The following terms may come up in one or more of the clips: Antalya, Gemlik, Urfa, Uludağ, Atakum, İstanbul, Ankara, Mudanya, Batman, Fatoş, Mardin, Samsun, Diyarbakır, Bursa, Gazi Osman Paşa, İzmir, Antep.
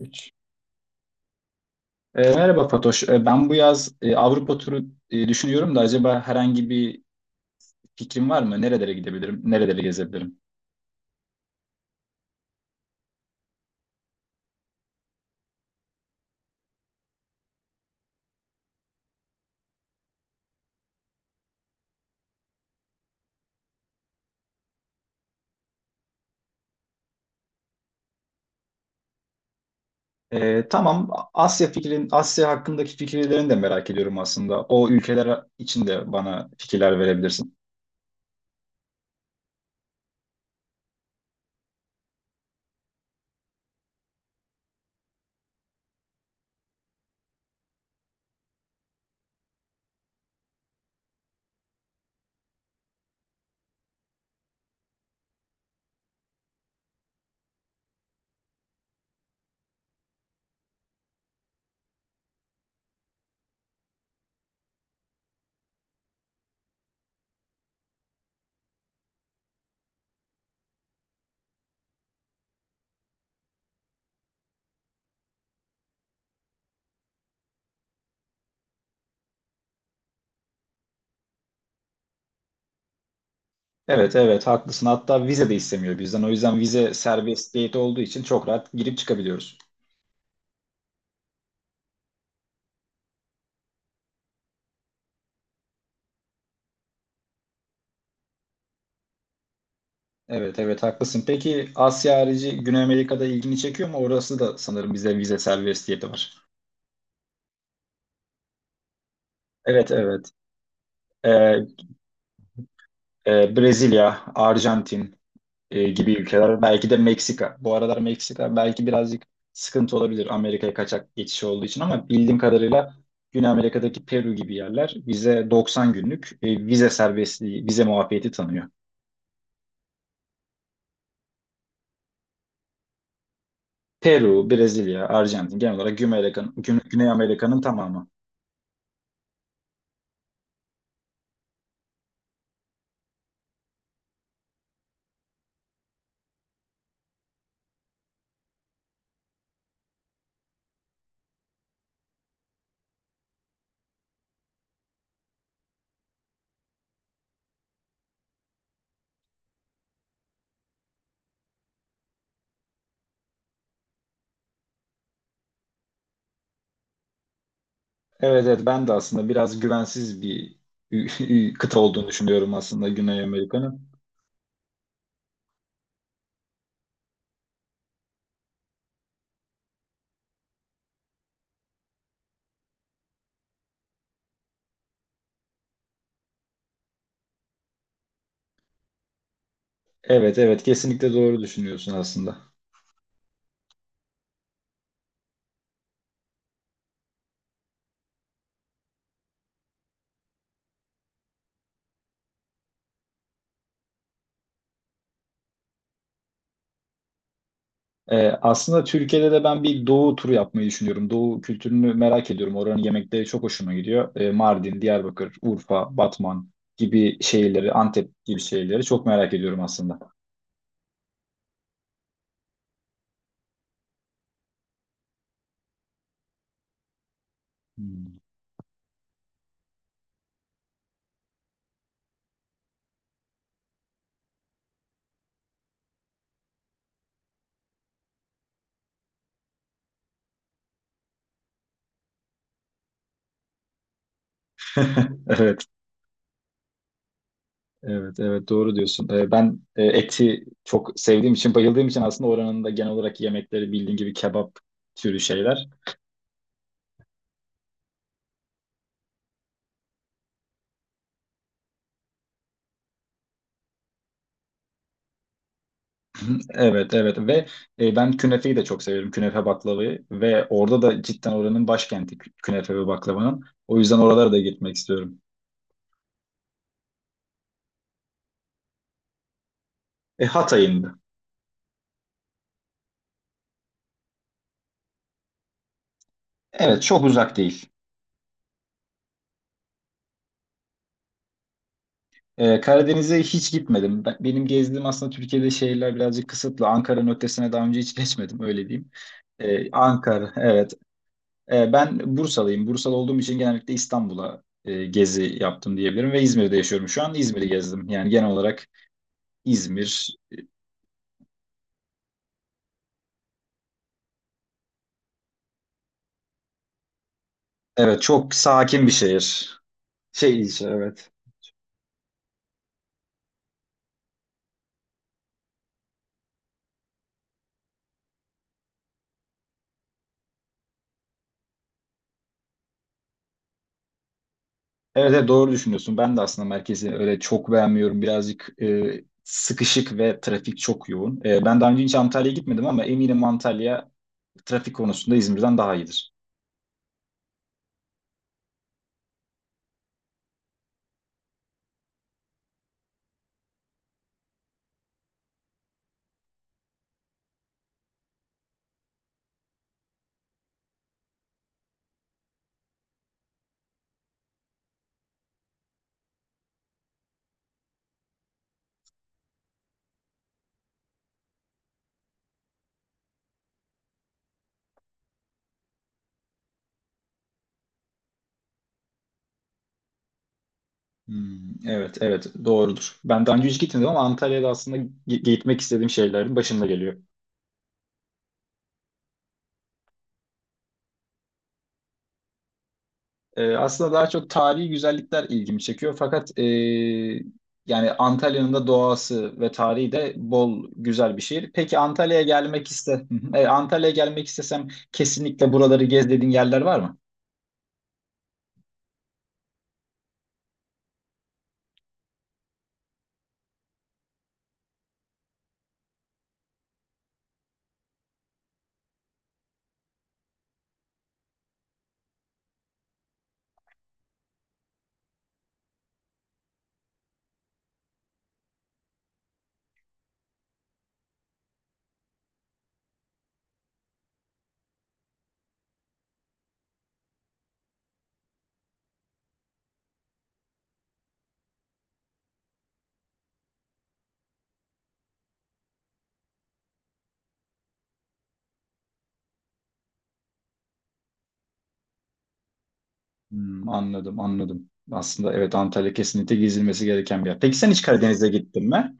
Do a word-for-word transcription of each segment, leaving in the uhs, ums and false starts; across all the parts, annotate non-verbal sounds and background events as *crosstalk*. Üç. E, merhaba Fatoş. E, ben bu yaz e, Avrupa turu e, düşünüyorum da acaba herhangi bir fikrin var mı? Nerelere gidebilirim? Nereleri gezebilirim? E, tamam. Asya fikrin, Asya hakkındaki fikirlerini de merak ediyorum aslında. O ülkeler için de bana fikirler verebilirsin. Evet, evet haklısın. Hatta vize de istemiyor bizden. O yüzden vize serbestiyeti olduğu için çok rahat girip çıkabiliyoruz. Evet, evet haklısın. Peki Asya harici Güney Amerika'da ilgini çekiyor mu? Orası da sanırım bize vize serbestiyeti var. Evet evet. Ee, E, Brezilya, Arjantin e, gibi ülkeler. Belki de Meksika. Bu aralar Meksika belki birazcık sıkıntı olabilir Amerika'ya kaçak geçiş olduğu için ama bildiğim kadarıyla Güney Amerika'daki Peru gibi yerler bize doksan günlük e, vize serbestliği, vize muafiyeti tanıyor. Peru, Brezilya, Arjantin genel olarak Güney Amerika'nın Güney Güney Amerika'nın tamamı. Evet evet ben de aslında biraz güvensiz bir *laughs* kıta olduğunu düşünüyorum aslında Güney Amerika'nın. Evet evet kesinlikle doğru düşünüyorsun aslında. Ee, aslında Türkiye'de de ben bir doğu turu yapmayı düşünüyorum. Doğu kültürünü merak ediyorum. Oranın yemekleri çok hoşuma gidiyor. Ee, Mardin, Diyarbakır, Urfa, Batman gibi şehirleri, Antep gibi şehirleri çok merak ediyorum aslında. Hmm. *laughs* Evet, evet, evet doğru diyorsun. Ee, ben e, eti çok sevdiğim için, bayıldığım için aslında oranın da genel olarak yemekleri bildiğin gibi kebap türü şeyler. Evet evet ve e, ben künefeyi de çok severim künefe baklavayı ve orada da cidden oranın başkenti kü- künefe ve baklavanın o yüzden oralara da gitmek istiyorum. E, Hatay'ın. Evet çok uzak değil. E, Karadeniz'e hiç gitmedim. Ben- benim gezdiğim aslında Türkiye'de şehirler birazcık kısıtlı. Ankara'nın ötesine daha önce hiç geçmedim öyle diyeyim. E, Ankara evet. E, ben Bursalıyım. Bursalı olduğum için genellikle İstanbul'a e, gezi yaptım diyebilirim ve İzmir'de yaşıyorum şu an. İzmir'i gezdim yani genel olarak İzmir. Evet çok sakin bir şehir. Şey ilçe evet. Evet, evet doğru düşünüyorsun. Ben de aslında merkezi öyle çok beğenmiyorum. Birazcık e, sıkışık ve trafik çok yoğun. E, ben daha önce hiç Antalya'ya gitmedim ama eminim Antalya trafik konusunda İzmir'den daha iyidir. Hmm, evet evet doğrudur. Ben daha önce hiç gitmedim ama Antalya'da aslında gi- gitmek istediğim şeylerin başında geliyor. Ee, aslında daha çok tarihi güzellikler ilgimi çekiyor. Fakat e, yani Antalya'nın da doğası ve tarihi de bol güzel bir şehir. Peki Antalya'ya gelmek iste, hı hı, e, Antalya'ya gelmek istesem kesinlikle buraları gez dediğin yerler var mı? Hmm, anladım, anladım. Aslında evet Antalya kesinlikle gezilmesi gereken bir yer. Peki sen hiç Karadeniz'e gittin mi?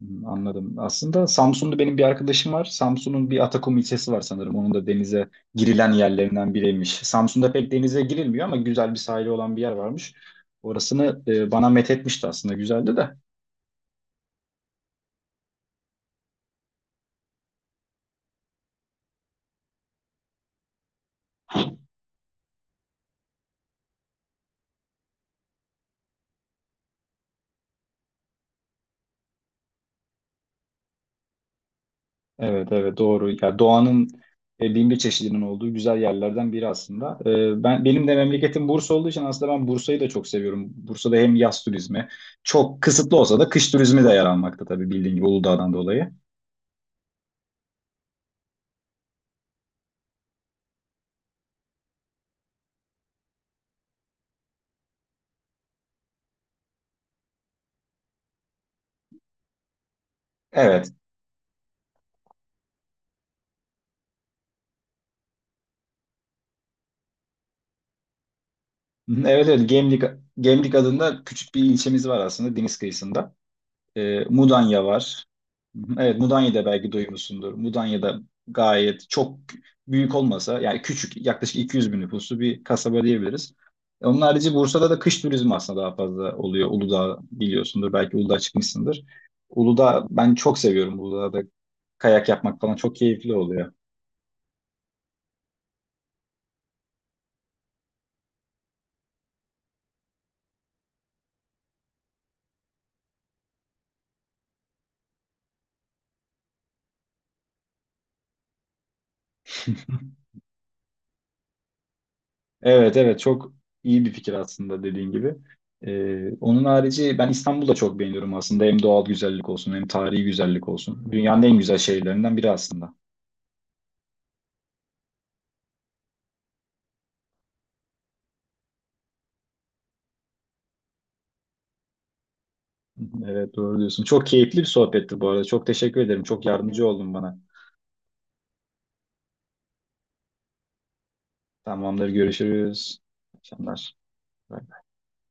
Hmm, anladım. Aslında Samsun'da benim bir arkadaşım var. Samsun'un bir Atakum ilçesi var sanırım. Onun da denize girilen yerlerinden biriymiş. Samsun'da pek denize girilmiyor ama güzel bir sahili olan bir yer varmış. Orasını e, bana methetmişti aslında. Güzeldi de. Evet evet doğru. Ya doğanın e, bin bir çeşidinin olduğu güzel yerlerden biri aslında. E, ben benim de memleketim Bursa olduğu için aslında ben Bursa'yı da çok seviyorum. Bursa'da hem yaz turizmi çok kısıtlı olsa da kış turizmi de yer almakta tabii bildiğin gibi Uludağ'dan dolayı. Evet, hı hı, evet evet Gemlik, Gemlik adında küçük bir ilçemiz var aslında deniz kıyısında. Ee, Mudanya var. Hı hı, evet Mudanya'da belki duymuşsundur. Mudanya'da gayet çok büyük olmasa yani küçük yaklaşık iki yüz bin nüfuslu bir kasaba diyebiliriz. Onun harici Bursa'da da kış turizmi aslında daha fazla oluyor. Uludağ biliyorsundur belki Uludağ çıkmışsındır. Uludağ ben çok seviyorum Uludağ'da kayak yapmak falan çok keyifli oluyor. Evet evet çok iyi bir fikir aslında dediğin gibi. Ee, onun harici ben İstanbul'da çok beğeniyorum aslında. Hem doğal güzellik olsun hem tarihi güzellik olsun. Dünyanın en güzel şehirlerinden biri aslında. Evet doğru diyorsun. Çok keyifli bir sohbetti bu arada. Çok teşekkür ederim. Çok yardımcı oldun bana. Tamamdır görüşürüz. İyi akşamlar.